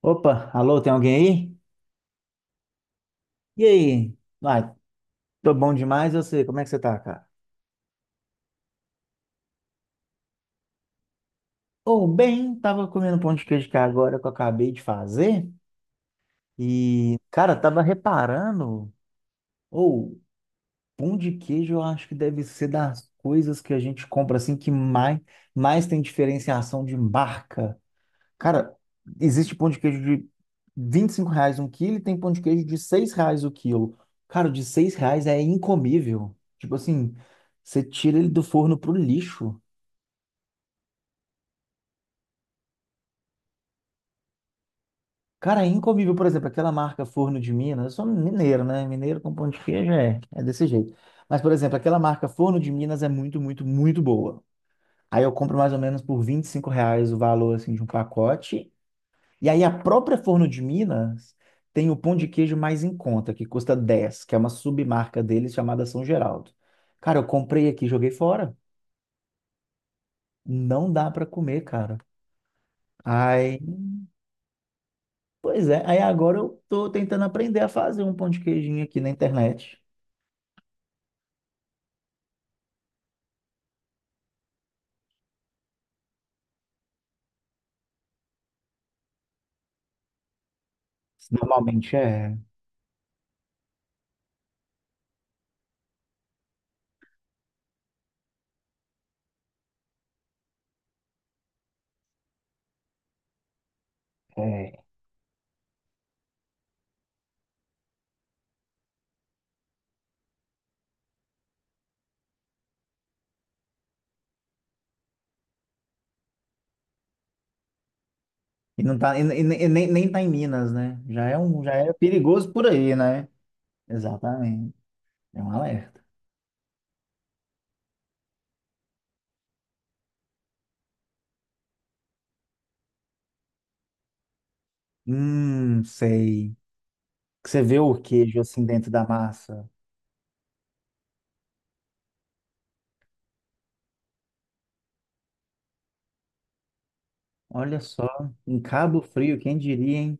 Opa, alô, tem alguém aí? E aí? Vai, tô bom demais, eu sei. Como é que você tá, cara? Ô, bem, tava comendo pão de queijo que agora que eu acabei de fazer. E, cara, tava reparando. Ou, pão de queijo eu acho que deve ser das coisas que a gente compra assim que mais tem diferenciação de marca. Cara, existe pão de queijo de R$ 25 um quilo e tem pão de queijo de R$ 6 o quilo. Cara, o de R$ 6 é incomível. Tipo assim, você tira ele do forno pro lixo. Cara, é incomível, por exemplo, aquela marca Forno de Minas. Eu sou mineiro, né? Mineiro com pão de queijo é desse jeito. Mas, por exemplo, aquela marca Forno de Minas é muito, muito, muito boa. Aí eu compro mais ou menos por R$ 25 o valor assim, de um pacote. E aí a própria Forno de Minas tem o pão de queijo mais em conta, que custa 10, que é uma submarca deles chamada São Geraldo. Cara, eu comprei aqui, joguei fora. Não dá para comer, cara. Aí, pois é, aí agora eu tô tentando aprender a fazer um pão de queijinho aqui na internet. Normalmente é. E não tá, e nem tá em Minas, né? Já é perigoso por aí, né? Exatamente. É um alerta. Sei. Você vê o queijo assim dentro da massa. Olha só, em Cabo Frio, quem diria, hein?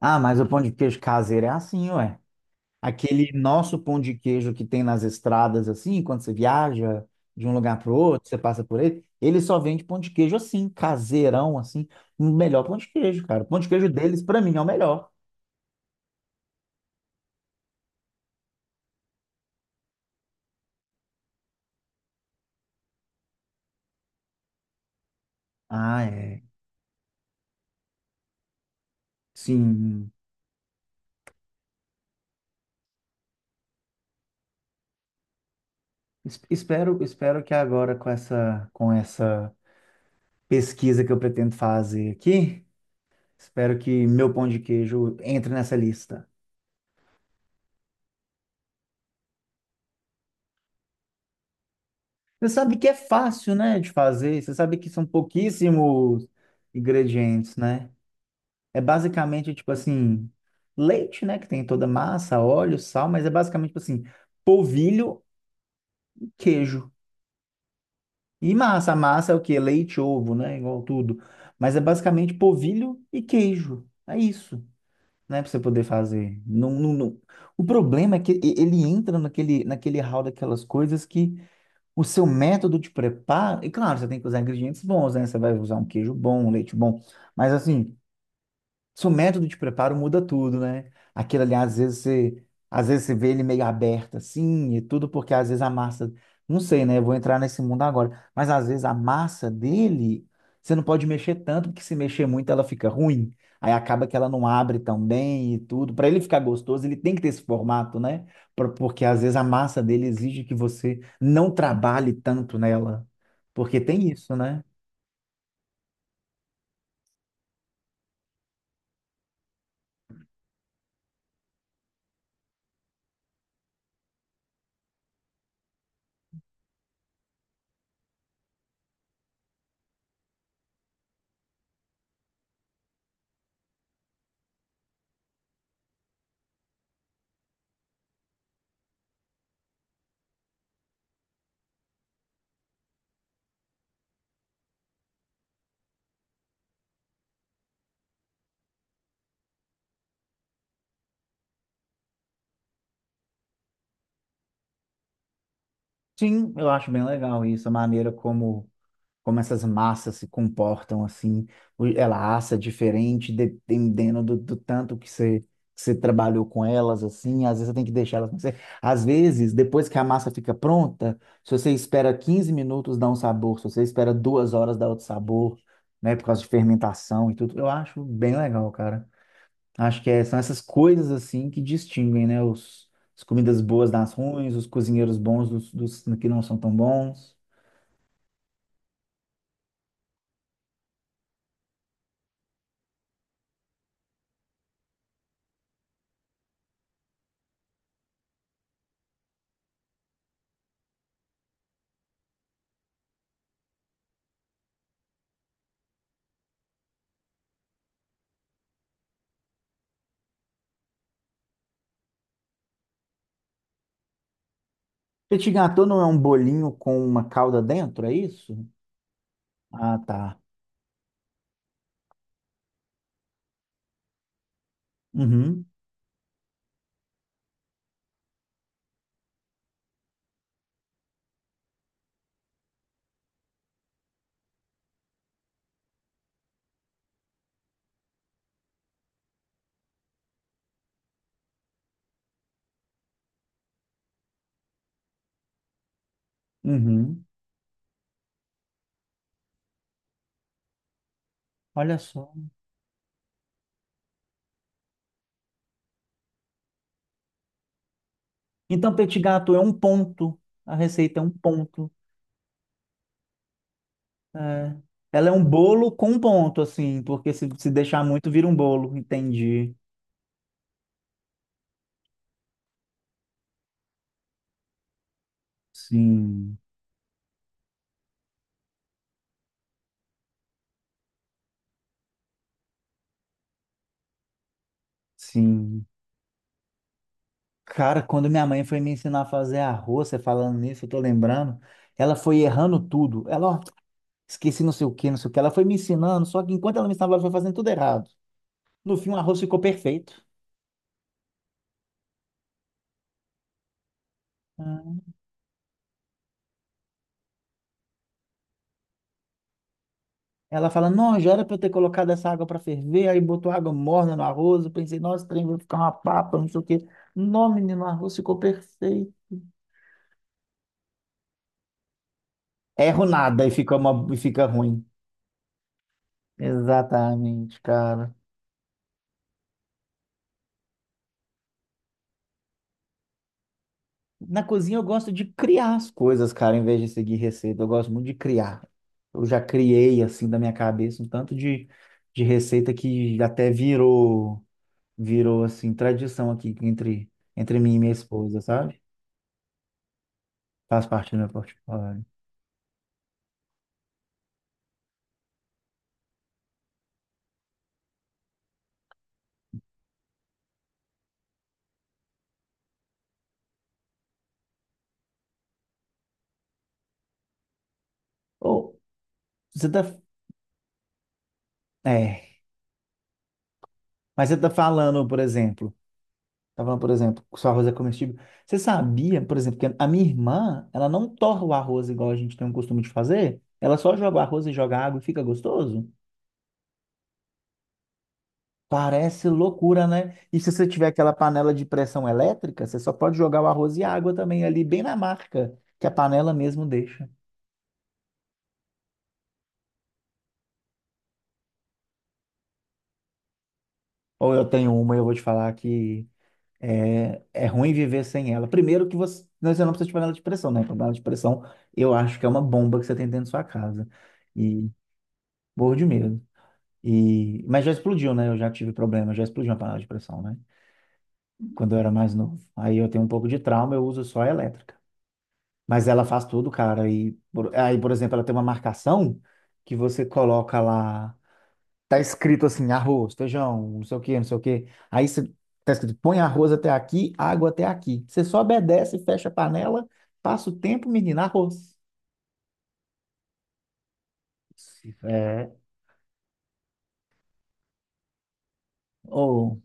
Ah, mas o pão de queijo caseiro é assim, ué. Aquele nosso pão de queijo que tem nas estradas, assim, quando você viaja de um lugar para o outro, você passa por ele, ele só vende pão de queijo assim, caseirão, assim. O melhor pão de queijo, cara. O pão de queijo deles, para mim, é o melhor. Ah, é. Sim. Espero que agora com essa pesquisa que eu pretendo fazer aqui, espero que meu pão de queijo entre nessa lista. Você sabe que é fácil, né, de fazer. Você sabe que são pouquíssimos ingredientes, né? É basicamente tipo assim, leite, né, que tem toda a massa, óleo, sal, mas é basicamente tipo assim, polvilho, queijo e massa. A massa é o quê? Leite, ovo, né, igual tudo. Mas é basicamente polvilho e queijo. É isso, né, para você poder fazer. Não, não, não. O problema é que ele entra naquele hall daquelas coisas que o seu método de preparo, e claro, você tem que usar ingredientes bons, né? Você vai usar um queijo bom, um leite bom, mas assim, seu método de preparo muda tudo, né? Aquilo ali, às vezes você vê ele meio aberto assim e tudo, porque às vezes a massa, não sei, né? Eu vou entrar nesse mundo agora, mas às vezes a massa dele, você não pode mexer tanto, porque se mexer muito ela fica ruim. Aí acaba que ela não abre tão bem e tudo. Para ele ficar gostoso, ele tem que ter esse formato, né? Porque às vezes a massa dele exige que você não trabalhe tanto nela. Porque tem isso, né? Sim, eu acho bem legal isso, a maneira como essas massas se comportam assim, ela assa diferente dependendo do tanto que você trabalhou com elas assim, às vezes você tem que deixar elas, cozerem. Às vezes depois que a massa fica pronta, se você espera 15 minutos dá um sabor, se você espera 2 horas dá outro sabor, né, por causa de fermentação e tudo, eu acho bem legal, cara. Acho que são essas coisas assim que distinguem, né, as comidas boas das ruins, os cozinheiros bons dos que não são tão bons. Petit gâteau não é um bolinho com uma calda dentro, é isso? Ah, tá. Uhum, uhum. Olha só. Então, petit gâteau é um ponto. A receita é um ponto. É. Ela é um bolo com um ponto, assim, porque se deixar muito, vira um bolo. Entendi. Sim, sim. Cara, quando minha mãe foi me ensinar a fazer arroz, você falando nisso, eu tô lembrando, ela foi errando tudo. Ela, ó, esqueci não sei o que, não sei o que. Ela foi me ensinando, só que enquanto ela me ensinava, ela foi fazendo tudo errado. No fim, o arroz ficou perfeito. Ah, ela fala, não, já era para eu ter colocado essa água para ferver, aí botou água morna no arroz, eu pensei, nossa, trem vai ficar uma papa, não sei o quê. Não, menino, o arroz ficou perfeito. Erro nada e fica, uma, e fica ruim. Exatamente, cara. Na cozinha eu gosto de criar as coisas, cara, em vez de seguir receita, eu gosto muito de criar. Eu já criei, assim, da minha cabeça, um tanto de receita que até virou, assim, tradição aqui entre mim e minha esposa, sabe? Faz parte do meu portfólio. Ou você tá. É. Mas você tá falando, por exemplo. Tá falando, por exemplo, que o seu arroz é comestível. Você sabia, por exemplo, que a minha irmã, ela não torra o arroz igual a gente tem o costume de fazer? Ela só joga o arroz e joga água e fica gostoso? Parece loucura, né? E se você tiver aquela panela de pressão elétrica, você só pode jogar o arroz e a água também ali, bem na marca, que a panela mesmo deixa. Ou eu tenho uma e eu vou te falar que é, é ruim viver sem ela. Primeiro que você não precisa de panela de pressão, né? Panela de pressão, eu acho que é uma bomba que você tem dentro da sua casa. E morro de medo. E, mas já explodiu, né? Eu já tive problema, já explodiu uma panela de pressão, né? Quando eu era mais novo. Aí eu tenho um pouco de trauma, eu uso só a elétrica. Mas ela faz tudo, cara. Aí, por exemplo, ela tem uma marcação que você coloca lá. Tá escrito assim, arroz, feijão, não sei o quê, não sei o quê. Aí você, tá escrito, põe arroz até aqui, água até aqui. Você só obedece, fecha a panela, passa o tempo, menina, arroz. É, ou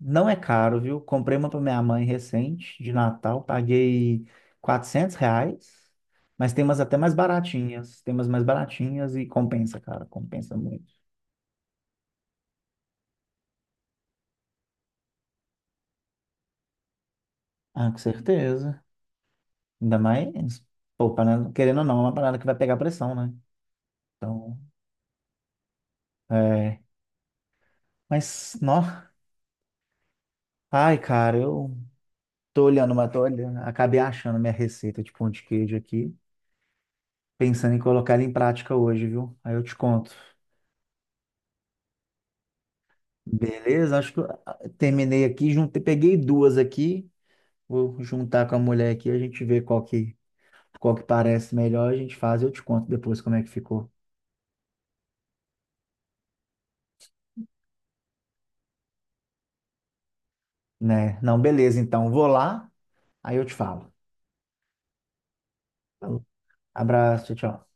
não é caro, viu? Comprei uma para minha mãe recente, de Natal, paguei R$ 400, mas tem umas até mais baratinhas, tem umas mais baratinhas e compensa, cara, compensa muito. Ah, com certeza. Ainda mais, pô, panela, querendo ou não, é uma panela que vai pegar pressão, né? Então, é. Mas, nó, ai, cara, eu tô olhando, uma tô olhando. Acabei achando minha receita de pão de queijo aqui, pensando em colocar ela em prática hoje, viu? Aí eu te conto. Beleza? Acho que terminei aqui, juntei, peguei duas aqui. Vou juntar com a mulher aqui, a gente vê qual que parece melhor, a gente faz eu te conto depois como é que ficou, né? Não, beleza, então, vou lá, aí eu te falo. Falou. Abraço, tchau, tchau.